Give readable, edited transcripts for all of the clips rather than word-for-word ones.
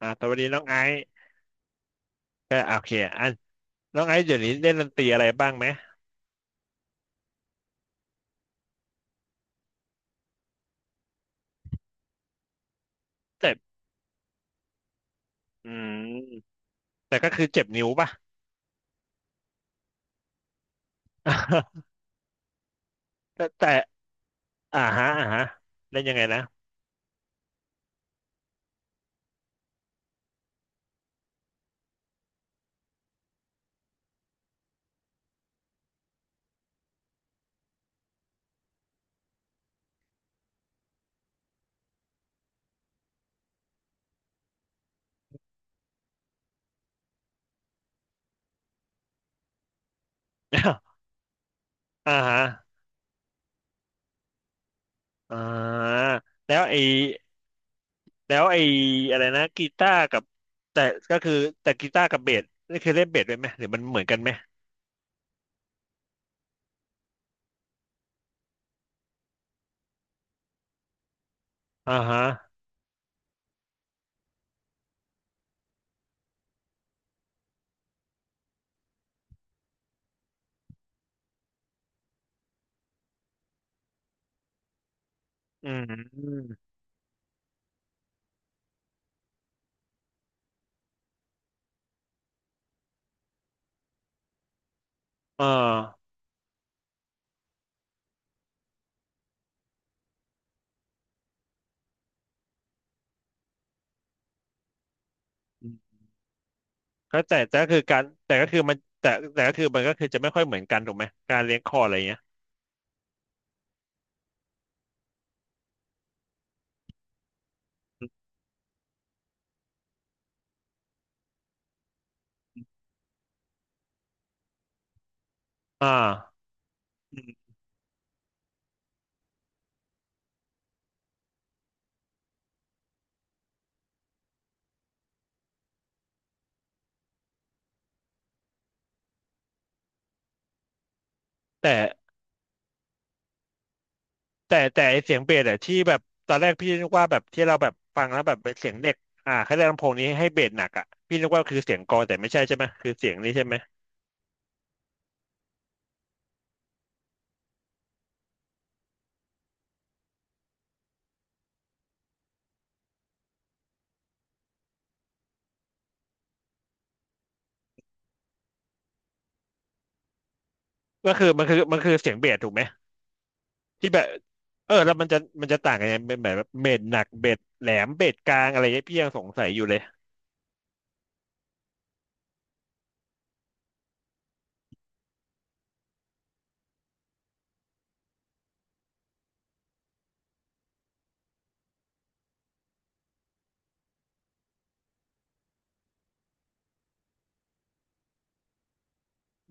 สวัสดีน้องไอซ์ก็อ่ะโอเคอันน้องไอซ์เดี๋ยวนี้เล่นดนตรีอะไรบ้างไหมเจ็บอืมแต่ก็คือเจ็บนิ้วป่ะ แต่อ่าฮะอ่าฮะเล่นยังไงนะ อ่าฮะอ่าแล้วไอแล้วไออะไรนะกีตาร์กับแต่ก็คือแต่กีตาร์กับเบสนี่คือเล่นเบสด้วยไหมหรือมันเหมือนกันไหมอ่าฮะอืมอ่าอืมก็แต่แต่ก็คือการแต่ก็คือมันแต่แต่ก็คือมันก็คือจะไม่ค่อยเหมือนกันถูกไหมการเลี้ยงคออะไรอย่างเงี้ย อ่าแต่แต่ไอ้เสียงเบสอะที่แบบตอนแรกพี่นึกว่าแบบที่เราแบบฟังแล้วแบบเป็นเสียงเด็กอ่าเขาเรียกลำโพงนี้ให้เบสหนักอ่ะพี่นึกว่าคือเสียงกลองแต่ไม่ใช่ใช่ไหมคือเสียงนี้ใช่ไหมก็คือเสียงเบสถูกไหมที่แบบเออแล้วมันจะต่างกันยังไงเป็นแบบเบสหนักเบสแหลมเบสกลางอะไรเงี้ยพี่ยังสงสัยอยู่เลย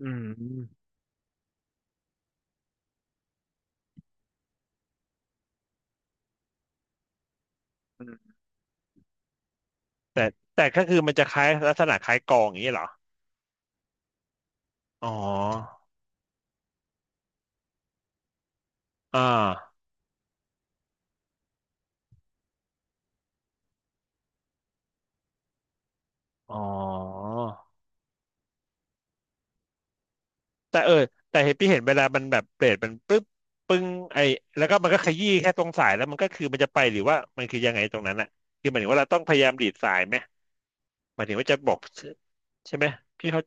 อืมอืมแต่แต่ก็คือมันจะคล้ายลักษณะคล้ายกลองอย่างนี้เหรออ๋ออ่าอ๋อ แต่เออแต่เห็นพี่เห็นเวลามันแบบเบรดมันปึ๊บปึ้งไอแล้วก็มันก็ขยี้แค่ตรงสายแล้วมันก็คือมันจะไปหรือว่ามันคือยังไงตรงนั้นอะคือหมายถึงว่าเราต้องพยายามดีดสายไหมหมายถึงว่าจะบอกใช่ไหมพี่เขา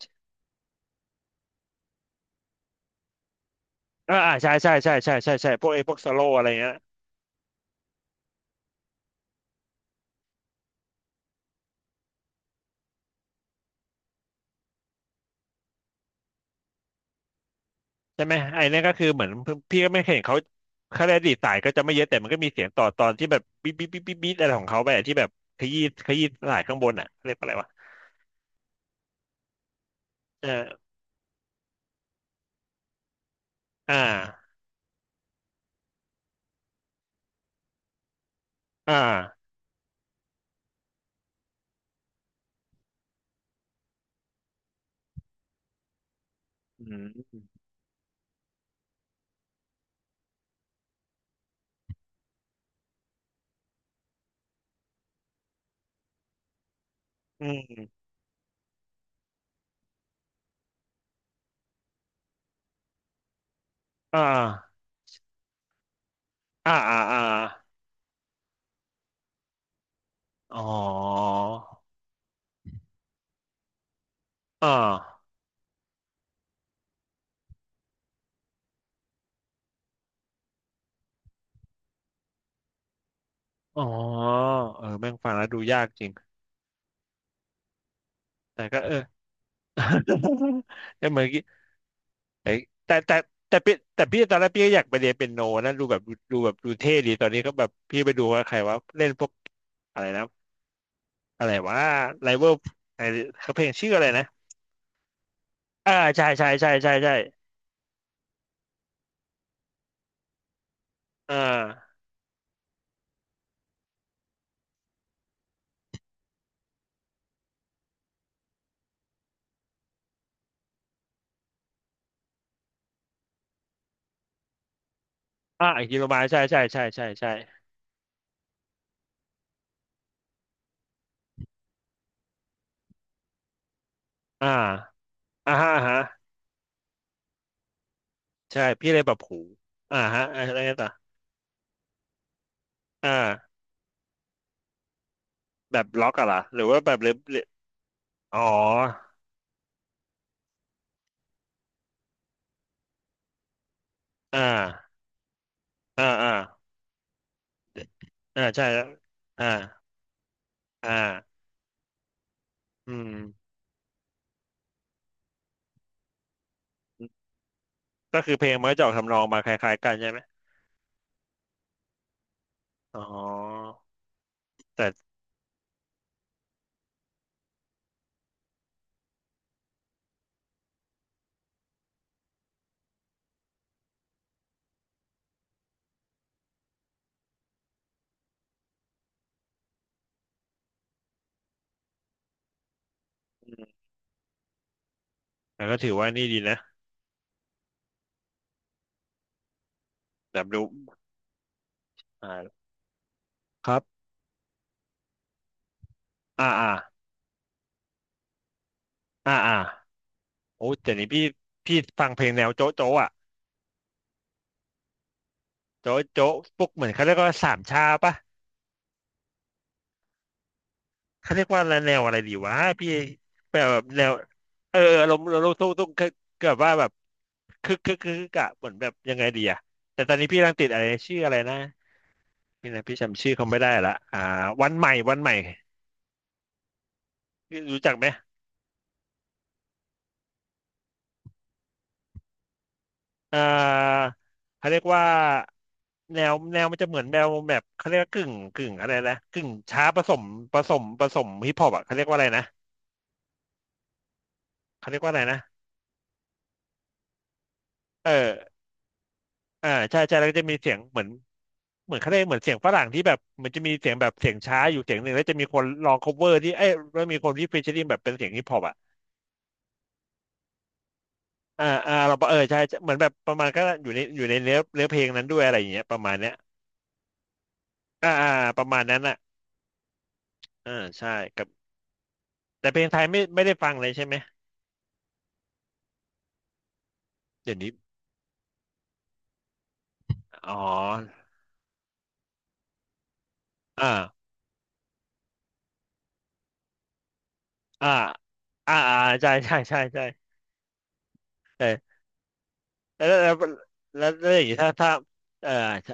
อ่าอ่าใช่ใช่ใช่ใช่ใช่ใช่พวกไอพวกสโลอะไรเงี้ยใช่ไหมไอเนี่นก็คือเหมือนพี่ก็ไม่เคยเห็นเขาเขาได้ดีดสายก็จะไม่เยอะแต่มันก็มีเสียงต่อตอนที่แบบบีบบีบบีบบีบอะไรของเขาไปอะที่แบบขยี้ขยี้สายข้างบนอะเรียกว่าอะไรวะเอออ่าอ่าอืมอ่าอ่าอ่าอ่า อ๋ออ่าอ๋อเออแม่งฟังแล้วดูยากจริงแต่ก็เออ แต่เหมือนกี้เอ้ยแต่แต่แต่พี่ตอนแรกพี่ก็อยากไปเรียนเปียโนนะดูแบบดูเท่ดีตอนนี้ก็แบบพี่ไปดูว่าใครว่าเล่นพวกอะไรนะอะไรว่าไลเวอร์ไอเขาเพลงชื่ออะไรนะอ่าใช่ใช่ใช่ใช่ใช่อ่าอ่าอิคิโรมาใช่ใช่ใช่ใช่ใช่อ่าอ่าฮะอ่าฮะใช่พี่เลยแบบหูอ่าฮะอะไรต่ออ่าแบบล็อกอะเหรอหรือว่าแบบเล็บ อ๋ออ่าอ่าอ่าอ่าใช่แล้วอ่าอ่าอืมก็คือเพลงมันก็จะออกทำนองมาคล้ายๆกันใช่ไหมอ๋อแต่อืมแต่ก็ถือว่านี่ดีนะแบบรู้อ่าครับอ่าอ่าอ่าอ่าโอ้แต่นี้พี่ฟังเพลงแนวโจ๊ะโจ๊ะอ่ะโจ๊ะโจ๊ะพวกเหมือนเขาเรียกว่าสามชาปะ เขาเรียกว่าอะไรแนวอะไรดีวะพี่แบบแนวเอออารมลมณ์ตุ้งตุ้งคือแบบว่าแบบคึกคึกคึกคึกอะเหมือนแบบยังไงดีอะแต่ตอนนี้พี่กำลังติดอะไรชื่ออะไรนะพี่นะพี่จำชื่อเขาไม่ได้ละอ่าวันใหม่พี่รู้จักไหมอ่าเขาเรียกว่าแนวมันจะเหมือนแนวแบบเขาเรียกว่ากึ่งอะไรนะกึ่งช้าผสมผสมฮิปฮอปอะเขาเรียกว่าอะไรนะเขาเรียกว่าอะไรนะเออ อ่าใช่ใช่แล้วก็จะมีเสียงเหมือนเหมือนเขาเรียกเหมือนเสียงฝรั่งที่แบบมันจะมีเสียงแบบเสียงช้าอยู่เสียงหนึ่งแล้วจะมีคนลอง cover ที่เอ้ยแล้วมีคนที่ featuring แบบเป็นเสียงฮิปฮอปอ่ะอ่าอ่าเราเออใช่ใช่เหมือนแบบประมาณก็อยู่ในเนื้อเพลงนั้นด้วยอะไรอย่างเงี้ยประมาณเนี้ยอ่าอ่าประมาณนั้นอ่ะอ่าใช่กับแต่เพลงไทยไม่ได้ฟังเลยใช่ไหมเดี๋ยวนี้อ๋ออ่าอ่าอ่าอ่าใช่ใช่ใช่ใช่เออแล้วอย่างนี้ถ้าถ้าเออ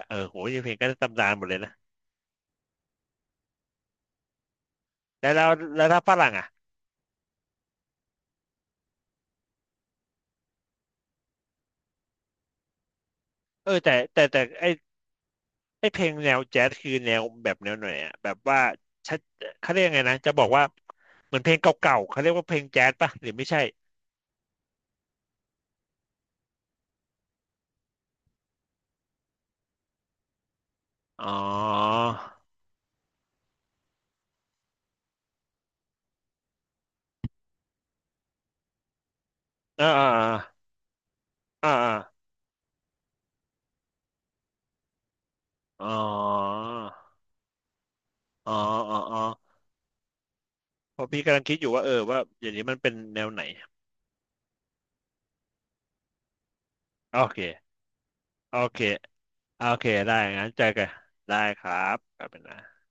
เออโหยงเพลงก็ตำนานหมดเลยนะ แล้วแล้วแล้วถ้าฝรั่งอ่ะเออแต่แต่แต่ไอไอเพลงแนวแจ๊สคือแนวแบบแนวไหนอ่ะแบบว่าชัดเขาเรียกไงนะจะบอกว่าเหมือนเพลงเก่าๆเขาเรียกว่าเพลงแจ๊สป่ะหรือไม่ใช่อ๋ออ่าอ่าอ่าอาอ๋ออ๋ออ๋ออ๋อเพราะพี่กำลังคิดอยู่ว่าเออว่าอย่างนี้มันเป็นแนวไหนโอเคโอเคโอเคได้งั้นเจอกันได้ครับขอบคุณนะ